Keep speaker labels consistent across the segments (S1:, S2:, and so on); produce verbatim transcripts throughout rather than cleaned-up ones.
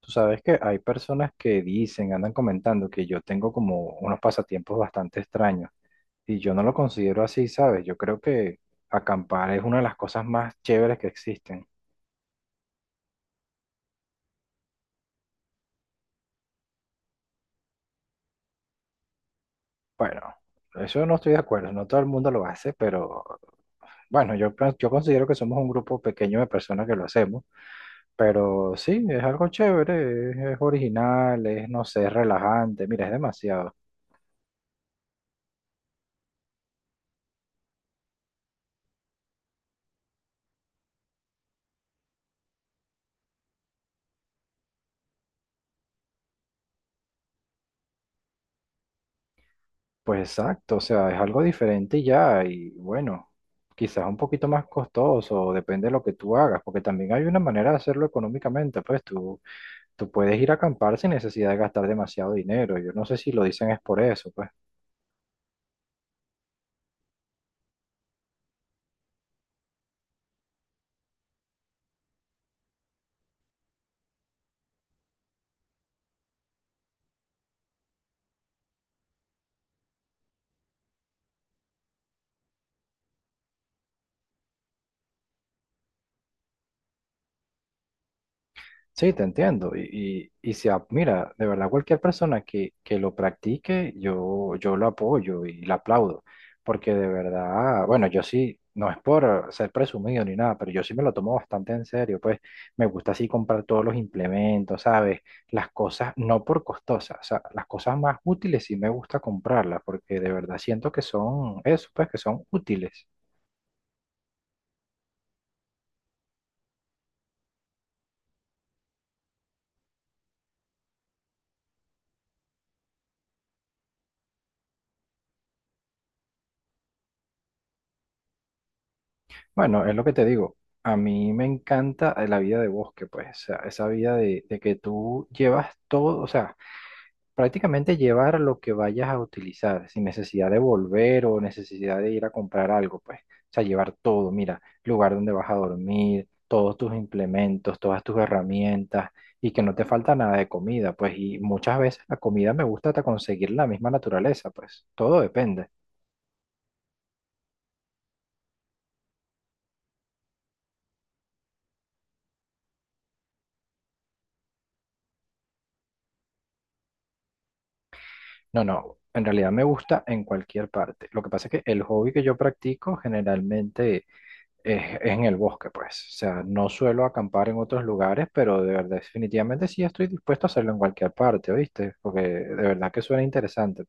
S1: Tú sabes que hay personas que dicen, andan comentando que yo tengo como unos pasatiempos bastante extraños y yo no lo considero así, ¿sabes? Yo creo que acampar es una de las cosas más chéveres que existen. Bueno, eso no estoy de acuerdo, no todo el mundo lo hace, pero bueno, yo, pe- yo considero que somos un grupo pequeño de personas que lo hacemos, pero sí, es algo chévere, es, es original, es, no sé, es relajante, mira, es demasiado. Pues exacto, o sea, es algo diferente y ya, y bueno, quizás un poquito más costoso, depende de lo que tú hagas, porque también hay una manera de hacerlo económicamente, pues tú, tú puedes ir a acampar sin necesidad de gastar demasiado dinero, yo no sé si lo dicen es por eso, pues. Sí, te entiendo. Y, y, y si, a- mira, de verdad, cualquier persona que, que lo practique, yo, yo lo apoyo y lo aplaudo. Porque de verdad, bueno, yo sí, no es por ser presumido ni nada, pero yo sí me lo tomo bastante en serio. Pues me gusta así comprar todos los implementos, ¿sabes? Las cosas, no por costosas, o sea, las cosas más útiles sí me gusta comprarlas, porque de verdad siento que son eso, pues que son útiles. Bueno, es lo que te digo. A mí me encanta eh, la vida de bosque, pues, o sea, esa vida de, de que tú llevas todo, o sea, prácticamente llevar lo que vayas a utilizar, sin necesidad de volver o necesidad de ir a comprar algo, pues, o sea, llevar todo, mira, lugar donde vas a dormir, todos tus implementos, todas tus herramientas y que no te falta nada de comida, pues, y muchas veces la comida me gusta hasta conseguir en la misma naturaleza, pues, todo depende. No, no, en realidad me gusta en cualquier parte. Lo que pasa es que el hobby que yo practico generalmente es, es en el bosque, pues. O sea, no suelo acampar en otros lugares, pero de verdad, definitivamente sí estoy dispuesto a hacerlo en cualquier parte, ¿oíste? Porque de verdad que suena interesante.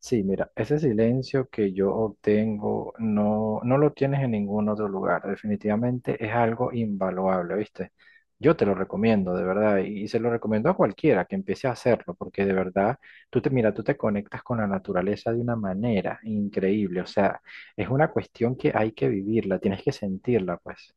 S1: Sí, mira, ese silencio que yo obtengo no, no lo tienes en ningún otro lugar. Definitivamente es algo invaluable, ¿viste? Yo te lo recomiendo, de verdad, y se lo recomiendo a cualquiera que empiece a hacerlo, porque de verdad, tú te, mira, tú te conectas con la naturaleza de una manera increíble. O sea, es una cuestión que hay que vivirla, tienes que sentirla, pues.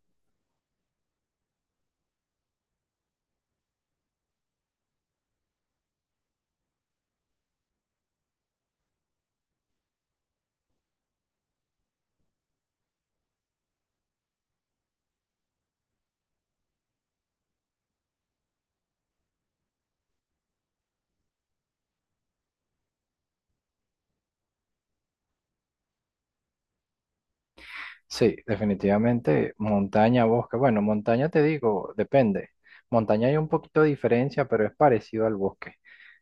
S1: Sí, definitivamente montaña, bosque. Bueno, montaña te digo, depende. Montaña hay un poquito de diferencia, pero es parecido al bosque.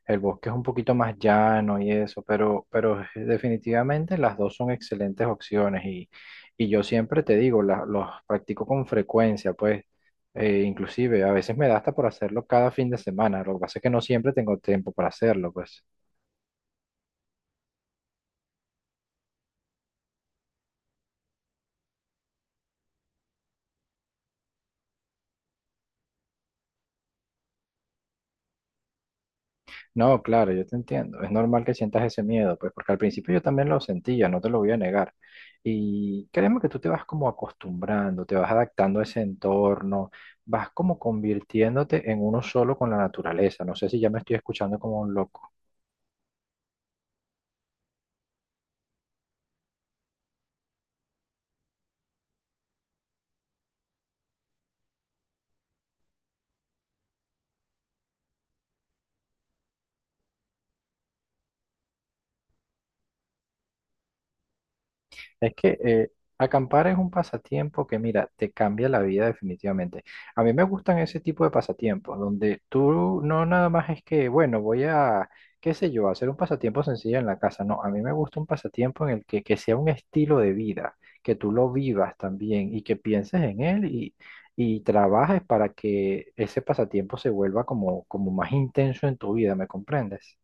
S1: El bosque es un poquito más llano y eso, pero, pero eh, definitivamente las dos son excelentes opciones y, y yo siempre te digo, la- los practico con frecuencia, pues eh, inclusive a veces me da hasta por hacerlo cada fin de semana. Lo que pasa es que no siempre tengo tiempo para hacerlo, pues. No, claro, yo te entiendo. Es normal que sientas ese miedo, pues porque al principio yo también lo sentía, no te lo voy a negar. Y créeme que tú te vas como acostumbrando, te vas adaptando a ese entorno, vas como convirtiéndote en uno solo con la naturaleza. No sé si ya me estoy escuchando como loco. Es que eh, acampar es un pasatiempo que, mira, te cambia la vida definitivamente. A mí me gustan ese tipo de pasatiempos, donde tú no nada más es que, bueno, voy a, qué sé yo, hacer un pasatiempo sencillo en la casa. No, a mí me gusta un pasatiempo en el que, que sea un estilo de vida, que tú lo vivas también y que pienses en él y, y trabajes para que ese pasatiempo se vuelva como, como más intenso en tu vida, ¿me comprendes?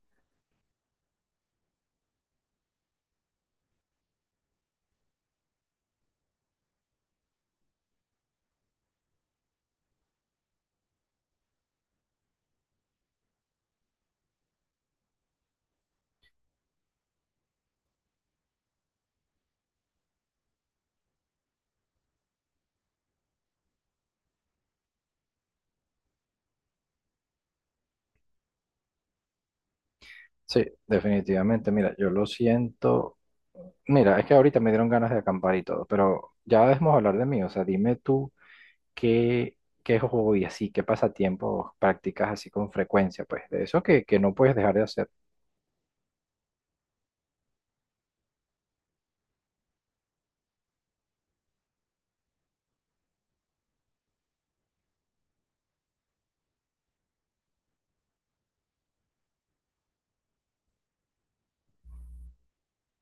S1: Sí, definitivamente. Mira, yo lo siento. Mira, es que ahorita me dieron ganas de acampar y todo, pero ya debemos hablar de mí. O sea, dime tú qué, qué hobby así, qué pasatiempos practicas así con frecuencia, pues, de eso que, que no puedes dejar de hacer.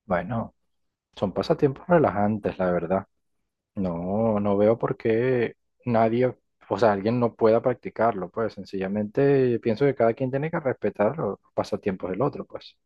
S1: Bueno, son pasatiempos relajantes, la verdad. No, no veo por qué nadie, o sea, alguien no pueda practicarlo, pues, sencillamente pienso que cada quien tiene que respetar los pasatiempos del otro, pues.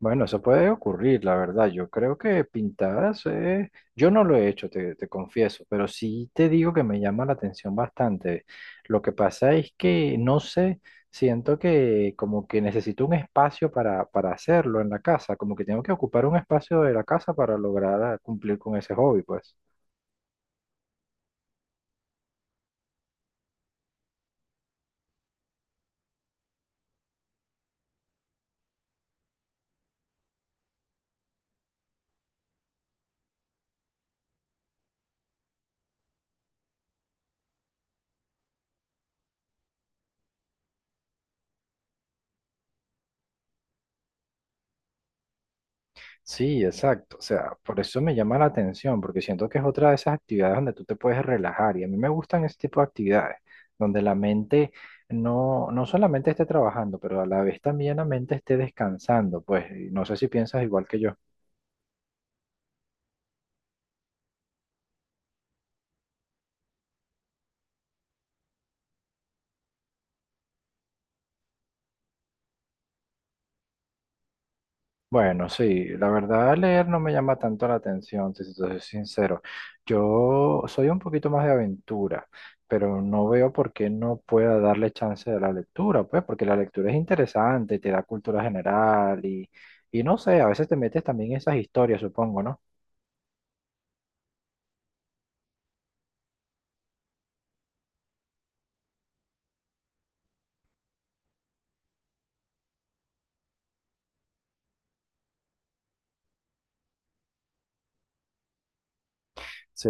S1: Bueno, eso puede ocurrir, la verdad. Yo creo que pintadas, eh, yo no lo he hecho, te, te confieso, pero sí te digo que me llama la atención bastante. Lo que pasa es que, no sé, siento que como que necesito un espacio para, para hacerlo en la casa, como que tengo que ocupar un espacio de la casa para lograr ah, cumplir con ese hobby, pues. Sí, exacto. O sea, por eso me llama la atención, porque siento que es otra de esas actividades donde tú te puedes relajar. Y a mí me gustan ese tipo de actividades, donde la mente no, no solamente esté trabajando, pero a la vez también la mente esté descansando. Pues y no sé si piensas igual que yo. Bueno, sí, la verdad leer no me llama tanto la atención, si te soy sincero. Yo soy un poquito más de aventura, pero no veo por qué no pueda darle chance a la lectura, pues porque la lectura es interesante, te da cultura general y, y no sé, a veces te metes también en esas historias, supongo, ¿no? Sí,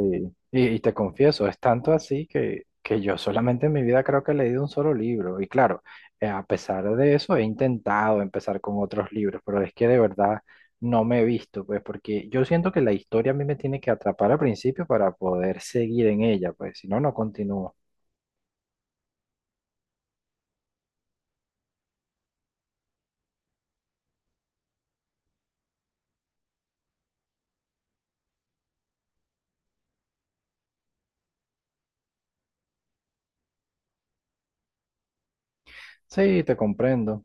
S1: y, y te confieso, es tanto así que, que yo solamente en mi vida creo que he leído un solo libro. Y claro, eh, a pesar de eso he intentado empezar con otros libros, pero es que de verdad no me he visto, pues porque yo siento que la historia a mí me tiene que atrapar al principio para poder seguir en ella, pues si no, no continúo. Sí, te comprendo.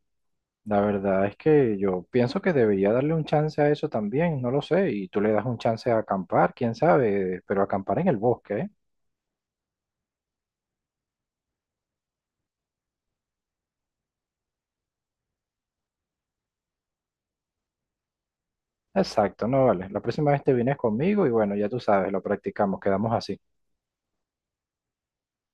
S1: La verdad es que yo pienso que debería darle un chance a eso también, no lo sé, y tú le das un chance a acampar, quién sabe, pero acampar en el bosque, ¿eh? Exacto, no vale. La próxima vez te vienes conmigo y bueno, ya tú sabes, lo practicamos, quedamos así.